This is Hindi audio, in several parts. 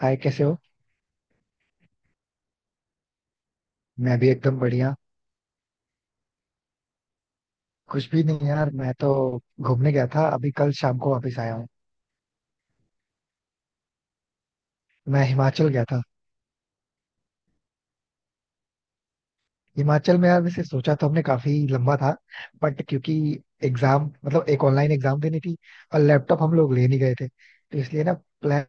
हाय, कैसे हो। मैं भी एकदम बढ़िया। कुछ भी नहीं यार, मैं तो घूमने गया था अभी, कल शाम को वापस आया हूँ। मैं हिमाचल गया था। हिमाचल में यार वैसे सोचा तो हमने काफी लंबा था। बट क्योंकि एग्जाम, मतलब एक ऑनलाइन एग्जाम देनी थी और लैपटॉप हम लोग ले नहीं गए थे तो इसलिए ना प्लान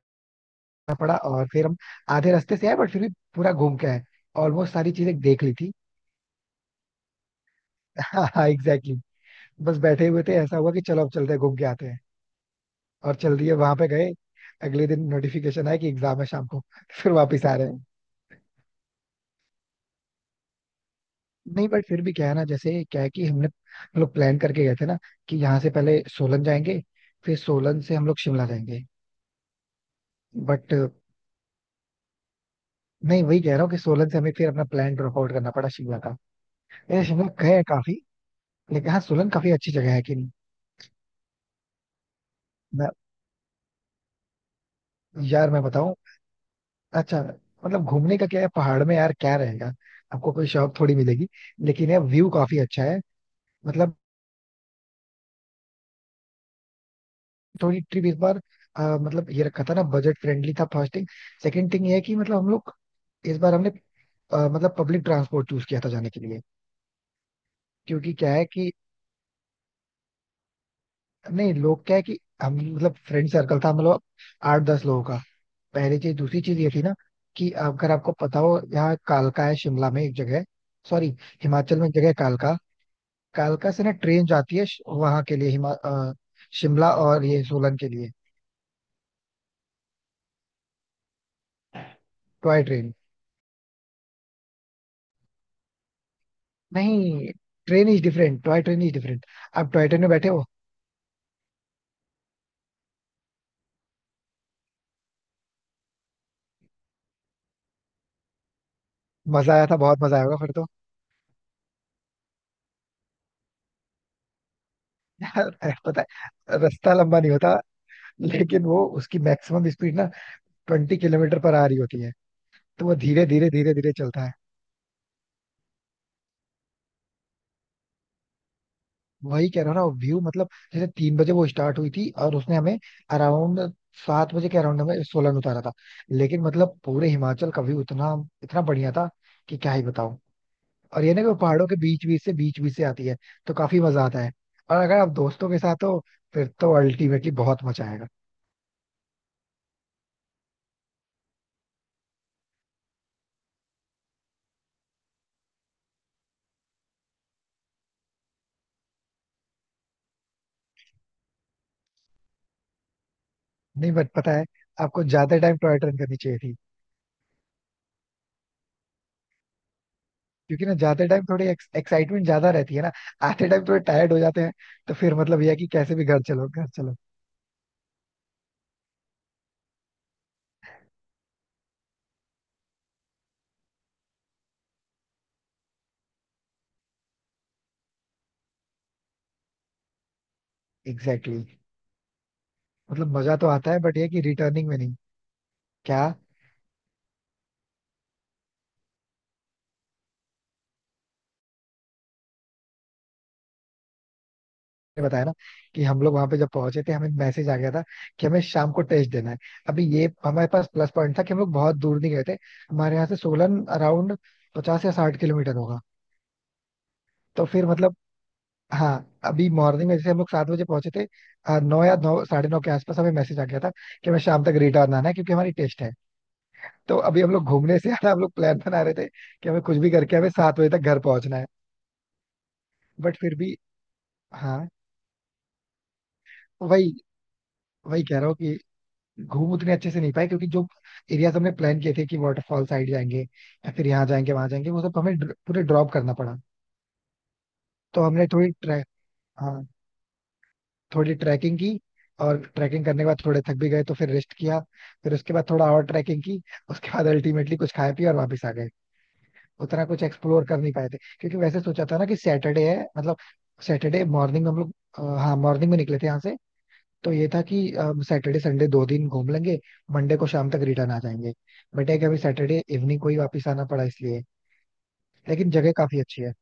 करना पड़ा और फिर हम आधे रास्ते से आए, बट फिर भी पूरा घूम के आए। ऑलमोस्ट सारी चीजें देख ली थी। हाँ हाँ, एग्जैक्टली। बस बैठे हुए थे, ऐसा हुआ कि चलो अब चलते हैं घूम के आते हैं और चल रही है वहां पे गए। अगले दिन नोटिफिकेशन आया कि एग्जाम है शाम को फिर वापस आ रहे हैं। नहीं बट फिर भी क्या है ना, जैसे क्या है कि हमने हम लोग प्लान करके गए थे ना, कि यहाँ से पहले सोलन जाएंगे, फिर सोलन से हम लोग शिमला जाएंगे। बट नहीं, वही कह रहा हूँ कि सोलन से हमें फिर अपना प्लान ड्रॉप आउट करना पड़ा शिमला का। ये शिमला गए हैं काफी। लेकिन हाँ, सोलन काफी अच्छी जगह है कि नहीं। मैं यार मैं बताऊँ। अच्छा। मतलब घूमने का क्या है पहाड़ में, यार क्या रहेगा। आपको कोई शौक थोड़ी मिलेगी। लेकिन यार व्यू काफी अच्छा है। मतलब थोड़ी ट्रिप इस बार, मतलब ये रखा था ना, बजट फ्रेंडली था फास्टिंग। सेकंड थिंग ये है कि मतलब हम लोग इस बार हमने मतलब पब्लिक ट्रांसपोर्ट चूज किया था जाने के लिए। क्योंकि क्या है कि नहीं, लोग क्या है कि हम, मतलब फ्रेंड सर्कल था मतलब 8-10 लोगों का। पहली चीज, दूसरी चीज ये थी ना कि अगर आपको पता हो, यहाँ कालका है शिमला में, एक जगह। सॉरी, हिमाचल में एक जगह है कालका। कालका से ना ट्रेन जाती है वहां के लिए, शिमला और ये सोलन के लिए। Toy train. नहीं, train is different, toy train is different. आप टॉय ट्रेन में बैठे हो, मजा आया था, बहुत मजा आया होगा फिर तो। यार अरे, पता है, रास्ता लंबा नहीं होता, लेकिन वो उसकी मैक्सिमम स्पीड ना 20 किलोमीटर पर आ रही होती है। तो वो धीरे धीरे धीरे धीरे चलता है। वही कह रहा हूँ ना, व्यू, मतलब जैसे 3 बजे वो स्टार्ट हुई थी और उसने हमें अराउंड, 7 बजे के अराउंड हमें सोलन उतारा था। लेकिन मतलब पूरे हिमाचल का व्यू इतना इतना बढ़िया था कि क्या ही बताऊं। और ये ना कि वो पहाड़ों के बीच बीच से आती है। तो काफी मजा आता है, और अगर आप दोस्तों के साथ हो फिर तो अल्टीमेटली बहुत मजा आएगा। नहीं, बट पता है, आपको ज्यादा टाइम टॉय ट्रेन करनी चाहिए थी क्योंकि ना ज्यादा टाइम थोड़ी एक्साइटमेंट ज्यादा रहती है ना, आते टाइम थोड़े टायर्ड हो जाते हैं, तो फिर मतलब यह है कि कैसे भी घर चलो, घर चलो। Exactly, exactly। मतलब मजा तो आता है, बट ये है कि रिटर्निंग में नहीं। क्या, ने बताया ना कि हम लोग वहां पे जब पहुंचे थे हमें मैसेज आ गया था कि हमें शाम को टेस्ट देना है। अभी ये हमारे पास प्लस पॉइंट था कि हम लोग बहुत दूर नहीं गए थे। हमारे यहाँ से सोलन अराउंड 50 या 60 किलोमीटर होगा। तो फिर मतलब हाँ, अभी मॉर्निंग में जैसे हम लोग 7 बजे पहुंचे थे, 9 या साढ़े 9 के आसपास हमें मैसेज आ गया था कि हमें शाम तक रिटर्न आना है क्योंकि हमारी टेस्ट है। तो अभी हम लोग घूमने से ज्यादा हम लोग प्लान बना रहे थे कि हमें कुछ भी करके हमें 7 बजे तक घर पहुंचना है। बट फिर भी, हाँ, वही वही कह रहा हूँ कि घूम उतने अच्छे से नहीं पाए क्योंकि जो एरियाज हमने प्लान किए थे कि वाटरफॉल साइड जाएंगे या फिर यहाँ जाएंगे वहां जाएंगे, वो सब तो हमें पूरे ड्रॉप करना पड़ा। तो हमने थोड़ी ट्रैक हाँ, थोड़ी ट्रैकिंग की। और ट्रैकिंग करने के बाद थोड़े थक भी गए, तो फिर रेस्ट किया, फिर उसके बाद थोड़ा और ट्रैकिंग की। उसके बाद अल्टीमेटली कुछ खाए पिए और वापस आ गए। उतना कुछ एक्सप्लोर कर नहीं पाए थे क्योंकि वैसे सोचा था ना कि सैटरडे है, मतलब सैटरडे मॉर्निंग में हम लोग हाँ मॉर्निंग में निकले थे यहाँ से। तो ये था कि सैटरडे संडे 2 दिन घूम लेंगे, मंडे को शाम तक रिटर्न आ जाएंगे। बट है कि अभी सैटरडे इवनिंग को ही वापस आना पड़ा इसलिए। लेकिन जगह काफी अच्छी है।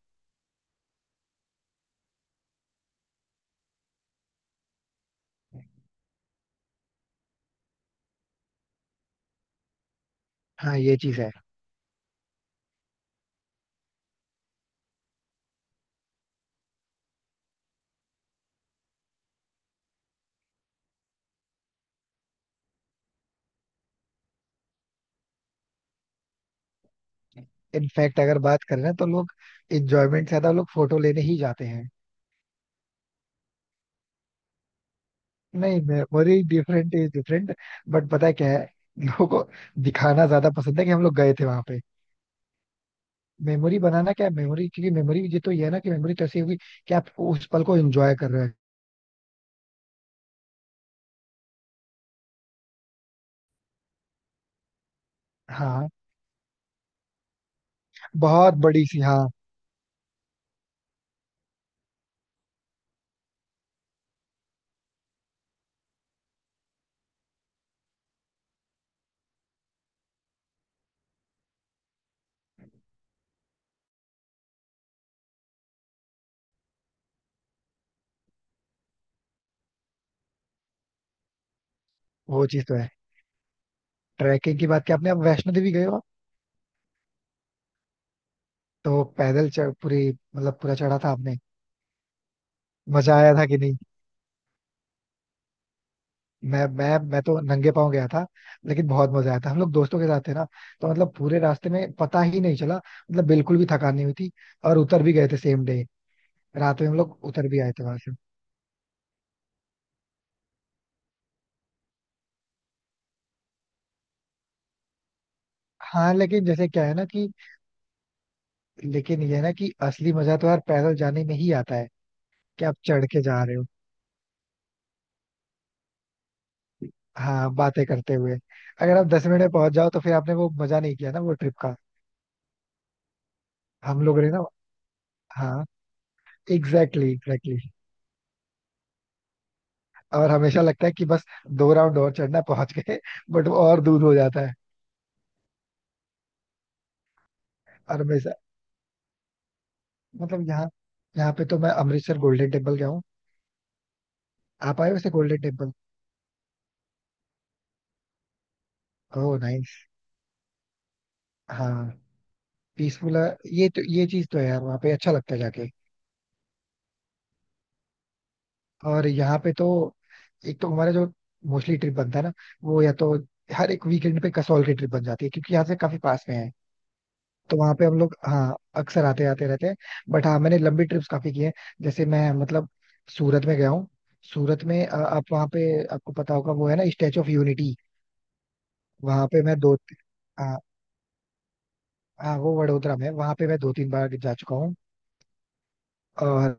हाँ, ये चीज है। इनफैक्ट अगर बात करें ना तो लोग इंजॉयमेंट से ज्यादा लोग फोटो लेने ही जाते हैं। नहीं, memory different, is different. But पता है क्या है, लोगों को दिखाना ज्यादा पसंद है कि हम लोग गए थे वहां पे। मेमोरी बनाना क्या है, मेमोरी क्योंकि मेमोरी, ये तो ये है ना कि मेमोरी तो ऐसी होगी कि आप उस पल को एंजॉय कर रहे हैं। हाँ, बहुत बड़ी सी, हाँ। वो चीज तो है, ट्रैकिंग की बात की आपने, आप वैष्णो देवी गए हो आप? तो पैदल चढ़, पूरी मतलब पूरा चढ़ा था आपने, मजा आया था कि नहीं। मैं तो नंगे पांव गया था, लेकिन बहुत मजा आया था, हम लोग दोस्तों के साथ थे ना। तो मतलब पूरे रास्ते में पता ही नहीं चला, मतलब बिल्कुल भी थकान नहीं हुई थी। और उतर भी गए थे सेम डे, रात में हम लोग उतर भी आए थे वहां से। हाँ, लेकिन जैसे क्या है ना कि, लेकिन ये है ना कि असली मजा तो यार पैदल जाने में ही आता है, कि आप चढ़ के जा रहे हो, हाँ बातें करते हुए। अगर आप 10 मिनट में पहुंच जाओ, तो फिर आपने वो मजा नहीं किया ना वो ट्रिप का। हम लोग ने ना, हाँ, एग्जैक्टली, एग्जैक्टली। और हमेशा लगता है कि बस 2 राउंड और चढ़ना है, पहुंच गए, बट वो और दूर हो जाता है। और हमेशा मतलब यहाँ यहाँ पे तो मैं अमृतसर गोल्डन टेम्पल गया हूँ। आप आए वैसे गोल्डन टेम्पल। Oh nice. हाँ, पीसफुल है। ये तो ये चीज तो है यार, वहाँ पे अच्छा लगता है जाके। और यहाँ पे तो एक तो हमारा जो मोस्टली ट्रिप बनता है ना, वो या तो हर एक वीकेंड पे कसौल की ट्रिप बन जाती है क्योंकि यहाँ से काफी पास में है। तो वहां पे हम लोग, हाँ, अक्सर आते आते रहते हैं। बट हाँ, मैंने लंबी ट्रिप्स काफी की है, जैसे मैं, मतलब सूरत में गया हूँ। सूरत में, आप वहाँ पे, आपको पता होगा वो है ना स्टेचू ऑफ यूनिटी। वहां पे मैं दो, हाँ हाँ, वो वडोदरा में, वहां पे मैं 2-3 बार जा चुका हूँ। और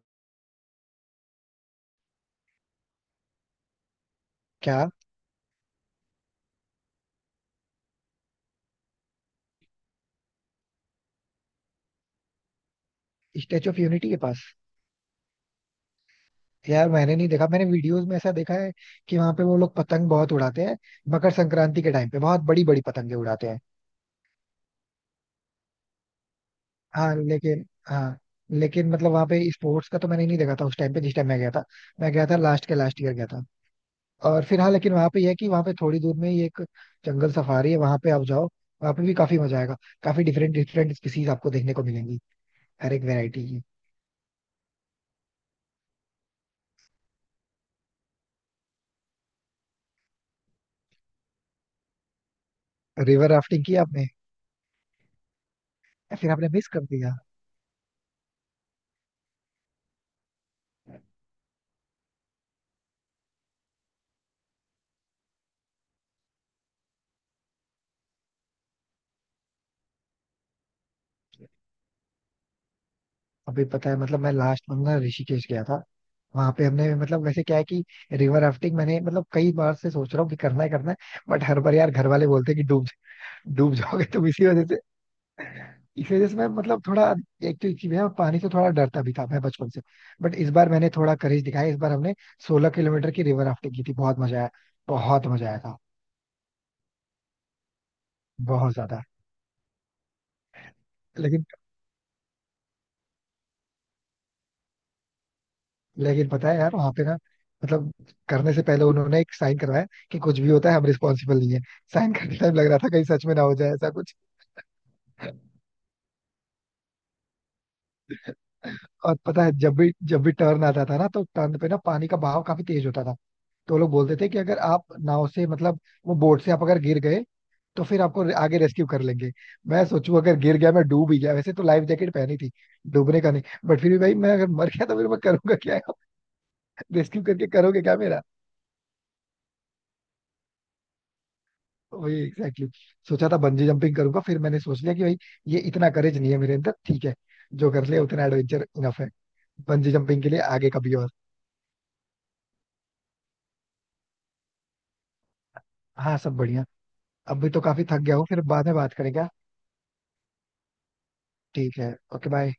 क्या, स्टेचू ऑफ यूनिटी के पास यार, मैंने नहीं देखा, मैंने वीडियोस में ऐसा देखा है कि वहां पे वो लोग पतंग बहुत उड़ाते हैं। मकर संक्रांति के टाइम पे बहुत बड़ी बड़ी पतंगे उड़ाते हैं। हाँ, लेकिन मतलब वहाँ पे स्पोर्ट्स का तो मैंने नहीं देखा था उस टाइम पे जिस टाइम मैं गया था। मैं गया था लास्ट के लास्ट ईयर गया था। और फिर हाँ, लेकिन वहाँ पे यह है कि वहाँ पे थोड़ी दूर में ही एक जंगल सफारी है, वहाँ पे आप जाओ, वहाँ पे भी काफी मजा आएगा। काफी डिफरेंट डिफरेंट स्पीसीज आपको देखने को मिलेंगी, हर एक वेरायटी की। रिवर राफ्टिंग की आपने, या फिर आपने मिस कर दिया। अभी पता है, मतलब मैं लास्ट मंथ ना ऋषिकेश गया था। वहां पे हमने, मतलब वैसे क्या है कि रिवर राफ्टिंग मैंने, मतलब कई बार से सोच रहा हूँ कि करना ही करना है। बट हर बार यार घर वाले बोलते हैं कि डूब डूब जाओगे तुम। इसी वजह इस वजह से मैं, मतलब थोड़ा, एक तो इसी में, और पानी से थोड़ा डरता भी था मैं बचपन से। बट इस बार मैंने थोड़ा करेज दिखाया, इस बार हमने 16 किलोमीटर की रिवर राफ्टिंग की थी, बहुत मजा आया, बहुत मजा आया था, बहुत ज्यादा। लेकिन लेकिन पता है यार, वहां पे ना, मतलब करने से पहले उन्होंने एक साइन करवाया कि कुछ भी होता है हम रिस्पॉन्सिबल नहीं है। साइन करते टाइम लग रहा था, कहीं सच में ना हो जाए ऐसा कुछ। और पता है, जब भी टर्न आता था ना, तो टर्न पे ना पानी का बहाव काफी तेज होता था। तो वो लोग बोलते थे कि अगर आप नाव से, मतलब वो बोट से आप अगर गिर गए, तो फिर आपको आगे रेस्क्यू कर लेंगे। मैं सोचू अगर गिर गया, मैं डूब ही गया, वैसे तो लाइफ जैकेट पहनी थी, डूबने का नहीं, बट फिर भी भाई, मैं अगर मर गया तो फिर मैं करूंगा क्या, रेस्क्यू करके करोगे क्या मेरा। वही एग्जैक्टली, exactly। सोचा था बंजी जंपिंग करूंगा, फिर मैंने सोच लिया कि भाई ये इतना करेज नहीं है मेरे अंदर, ठीक है जो कर लिया उतना एडवेंचर इनफ है, बंजी जंपिंग के लिए आगे कभी और। हाँ, सब बढ़िया। अभी तो काफी थक गया हूँ, फिर बाद में बात करेंगे, हाँ। ठीक है, ओके, बाय।